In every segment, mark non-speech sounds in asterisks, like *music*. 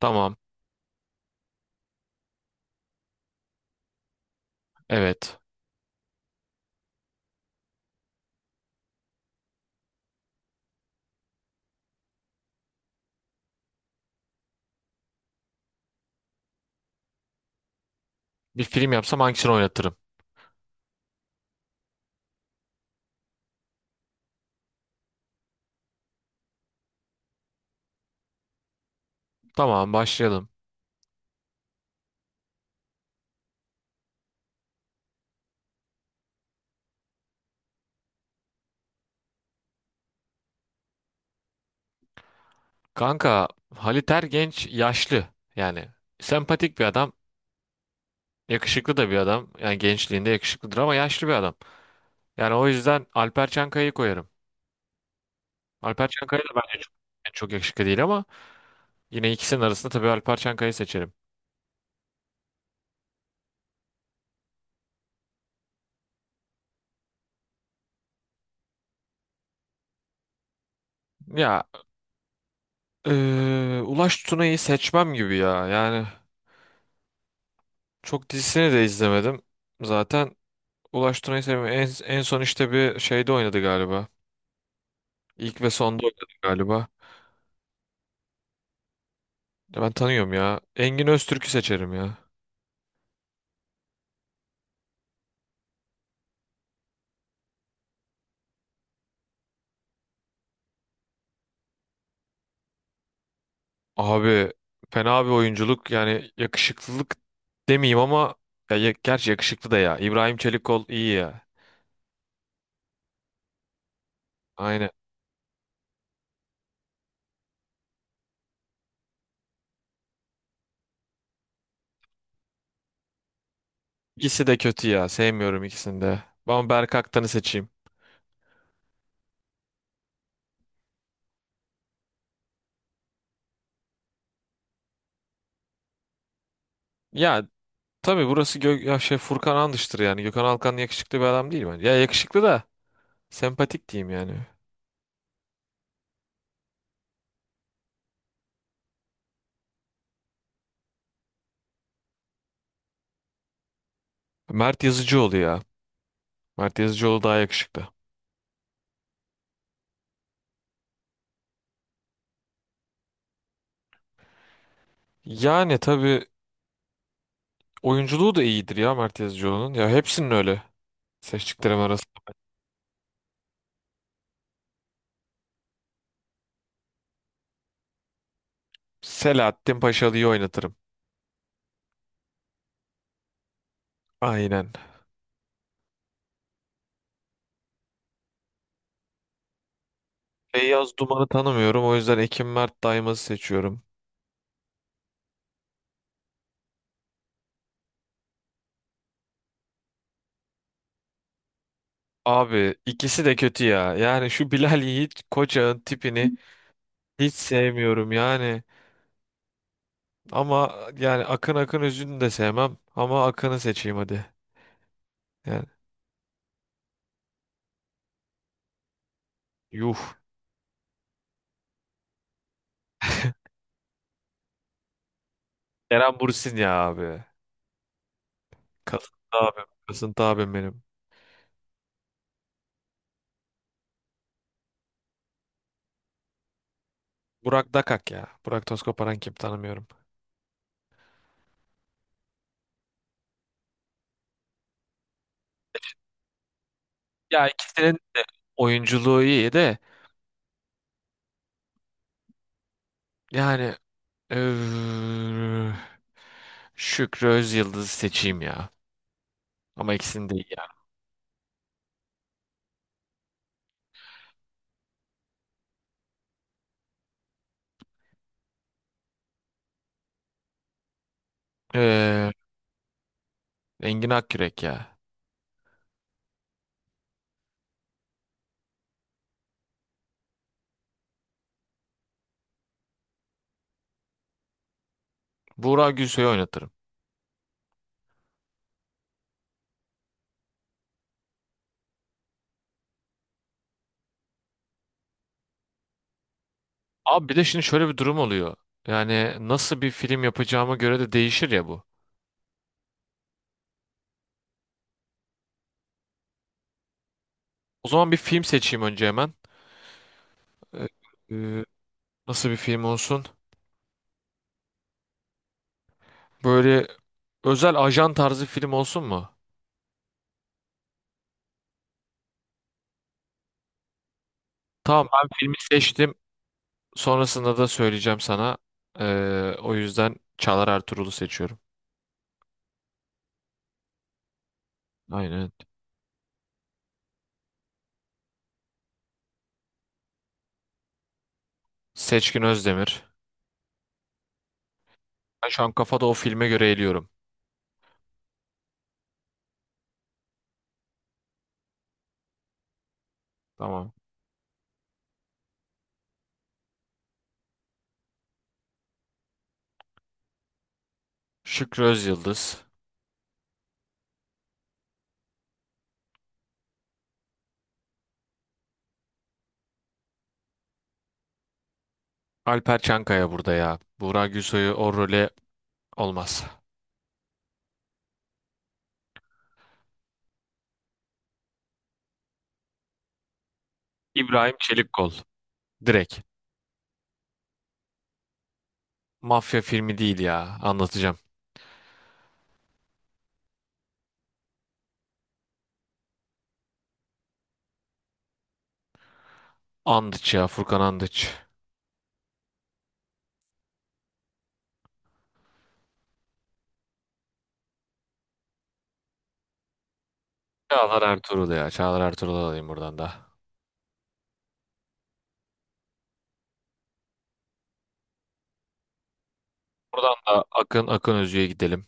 Tamam. Evet. Bir film yapsam hangisini oynatırım? Tamam, başlayalım. Kanka, Halit Ergenç yaşlı. Yani sempatik bir adam. Yakışıklı da bir adam. Yani gençliğinde yakışıklıdır ama yaşlı bir adam. Yani o yüzden Alper Çankaya'yı koyarım. Alper Çankaya da bence yani çok yakışıklı değil ama yine ikisinin arasında tabii Alper Çankaya'yı seçerim. Ya Ulaş Tuna'yı seçmem gibi ya. Yani çok dizisini de izlemedim. Zaten Ulaş Tuna'yı sevmiyorum. En son işte bir şeyde oynadı galiba. İlk ve sonda oynadı galiba. Ya ben tanıyorum ya. Engin Öztürk'ü seçerim ya. Abi fena bir oyunculuk, yani yakışıklılık demeyeyim ama gerçi yakışıklı da ya. İbrahim Çelikkol iyi ya. Aynen. İkisi de kötü ya. Sevmiyorum ikisini de. Ben Berk Aktan'ı seçeyim. Ya tabii burası Gö ya şey Furkan Andış'tır yani. Gökhan Alkan yakışıklı bir adam değil bence. Ya yakışıklı da, sempatik diyeyim yani. Mert Yazıcıoğlu ya. Mert Yazıcıoğlu daha yakışıklı. Yani tabii oyunculuğu da iyidir ya Mert Yazıcıoğlu'nun. Ya hepsinin öyle seçtiklerim arasında. Selahattin Paşalı'yı oynatırım. Aynen. Feyyaz Duman'ı tanımıyorum, o yüzden Ekim Mert Daymaz'ı seçiyorum. Abi ikisi de kötü ya. Yani şu Bilal Yiğit Koçak'ın tipini hiç sevmiyorum yani. Ama yani Akın Akın Özü'nü de sevmem ama Akın'ı seçeyim hadi. Yani yuh. Eren Bursin ya abi. Kasıntı abim. Kasıntı abim benim. Burak Dakak ya. Burak Toskoparan kim, tanımıyorum. Ya ikisinin oyunculuğu iyi de yani eee, Şükrü Özyıldız'ı seçeyim ya. Ama ikisini de iyi ya. Eee Engin Akyürek ya. Buğra Gülsoy'u oynatırım. Abi, bir de şimdi şöyle bir durum oluyor. Yani nasıl bir film yapacağıma göre de değişir ya bu. O zaman bir film seçeyim önce hemen. Eee, eee, nasıl bir film olsun? Böyle özel ajan tarzı film olsun mu? Tamam, ben filmi seçtim. Sonrasında da söyleyeceğim sana. O yüzden Çağlar Ertuğrul'u seçiyorum. Aynen. Seçkin Özdemir. Ben şu an kafada o filme göre eliyorum. Tamam. Şükrü Özyıldız. Alper Çankaya burada ya. Buğra Gülsoy'u o role, olmaz. İbrahim Çelikkol. Direkt. Mafya filmi değil ya. Anlatacağım. Andıç ya. Furkan Andıç. Çağlar Ertuğrul ya. Çağlar Ertuğrul'u alayım buradan da. Buradan da Akın Akın Özü'ye gidelim.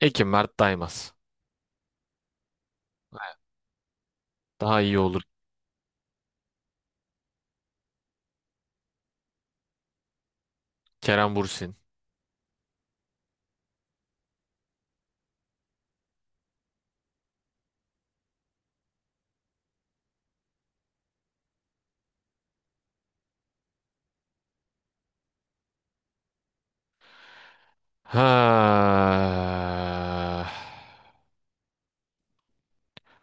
Ekim Mert Daymaz. Daha iyi olur. Kerem Bürsin. Ha.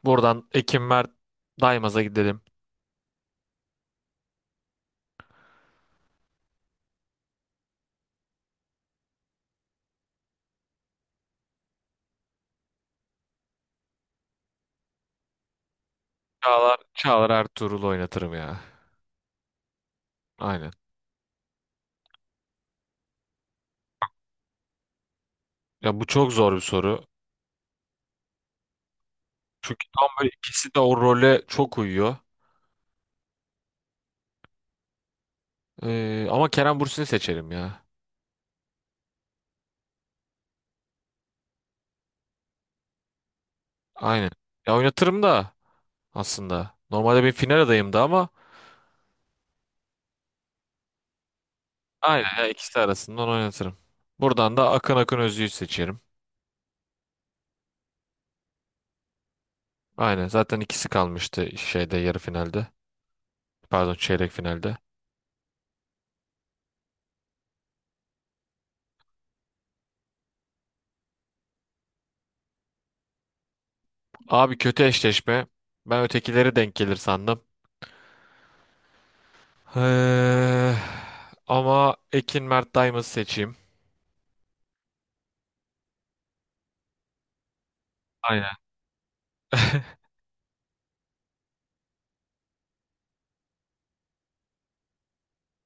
Buradan Ekim Mert Daimaz'a gidelim. Çağlar Ertuğrul'u oynatırım ya. Aynen. Ya bu çok zor bir soru. Çünkü tam böyle ikisi de o role çok uyuyor. Ama Kerem Bürsin'i seçerim ya. Aynen. Ya oynatırım da aslında. Normalde bir final adayımdı ama aynen ya, ikisi arasından oynatırım. Buradan da Akın Akın Özü'yü seçerim. Aynen, zaten ikisi kalmıştı şeyde yarı finalde. Pardon, çeyrek finalde. Abi kötü eşleşme. Ben ötekileri denk gelir sandım. Eee, Ama Ekin Mert Diamond seçeyim. Aynen. *laughs*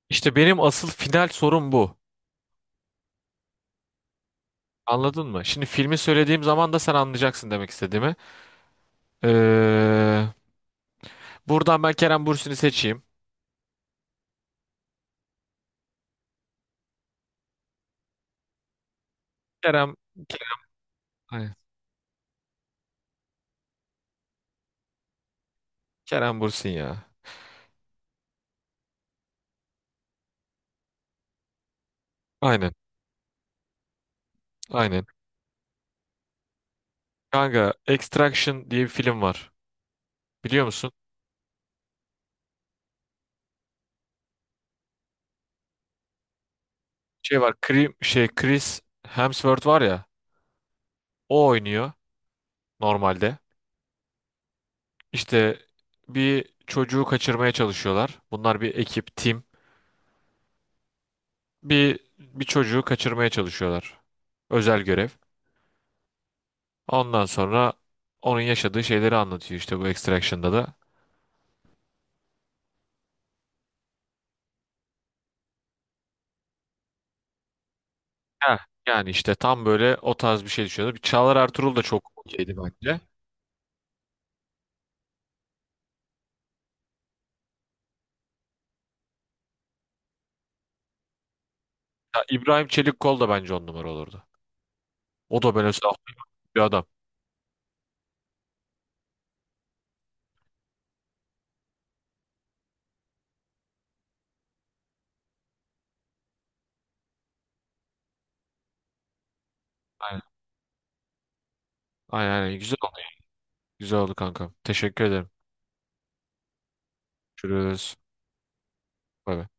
İşte benim asıl final sorum bu. Anladın mı? Şimdi filmi söylediğim zaman da sen anlayacaksın demek istediğimi. Eee, buradan ben Kerem Bürsin'i seçeyim. Kerem, Kerem, aynen. Kerem Bürsin ya. Aynen, aynen. Kanka, Extraction diye bir film var. Biliyor musun? Şey var, şey Chris Hemsworth var ya. O oynuyor normalde. İşte bir çocuğu kaçırmaya çalışıyorlar. Bunlar bir ekip, tim. Bir çocuğu kaçırmaya çalışıyorlar. Özel görev. Ondan sonra onun yaşadığı şeyleri anlatıyor işte bu Extraction'da da. Heh, yani işte tam böyle o tarz bir şey düşünüyordu. Bir Çağlar Ertuğrul da çok okeydi bence. Ya İbrahim Çelikkol da bence on numara olurdu. O da böyle saf bir adam. Aynen. Aynen, aynen. Güzel oldu. Güzel oldu kankam. Teşekkür ederim. Görüşürüz. Bay bay.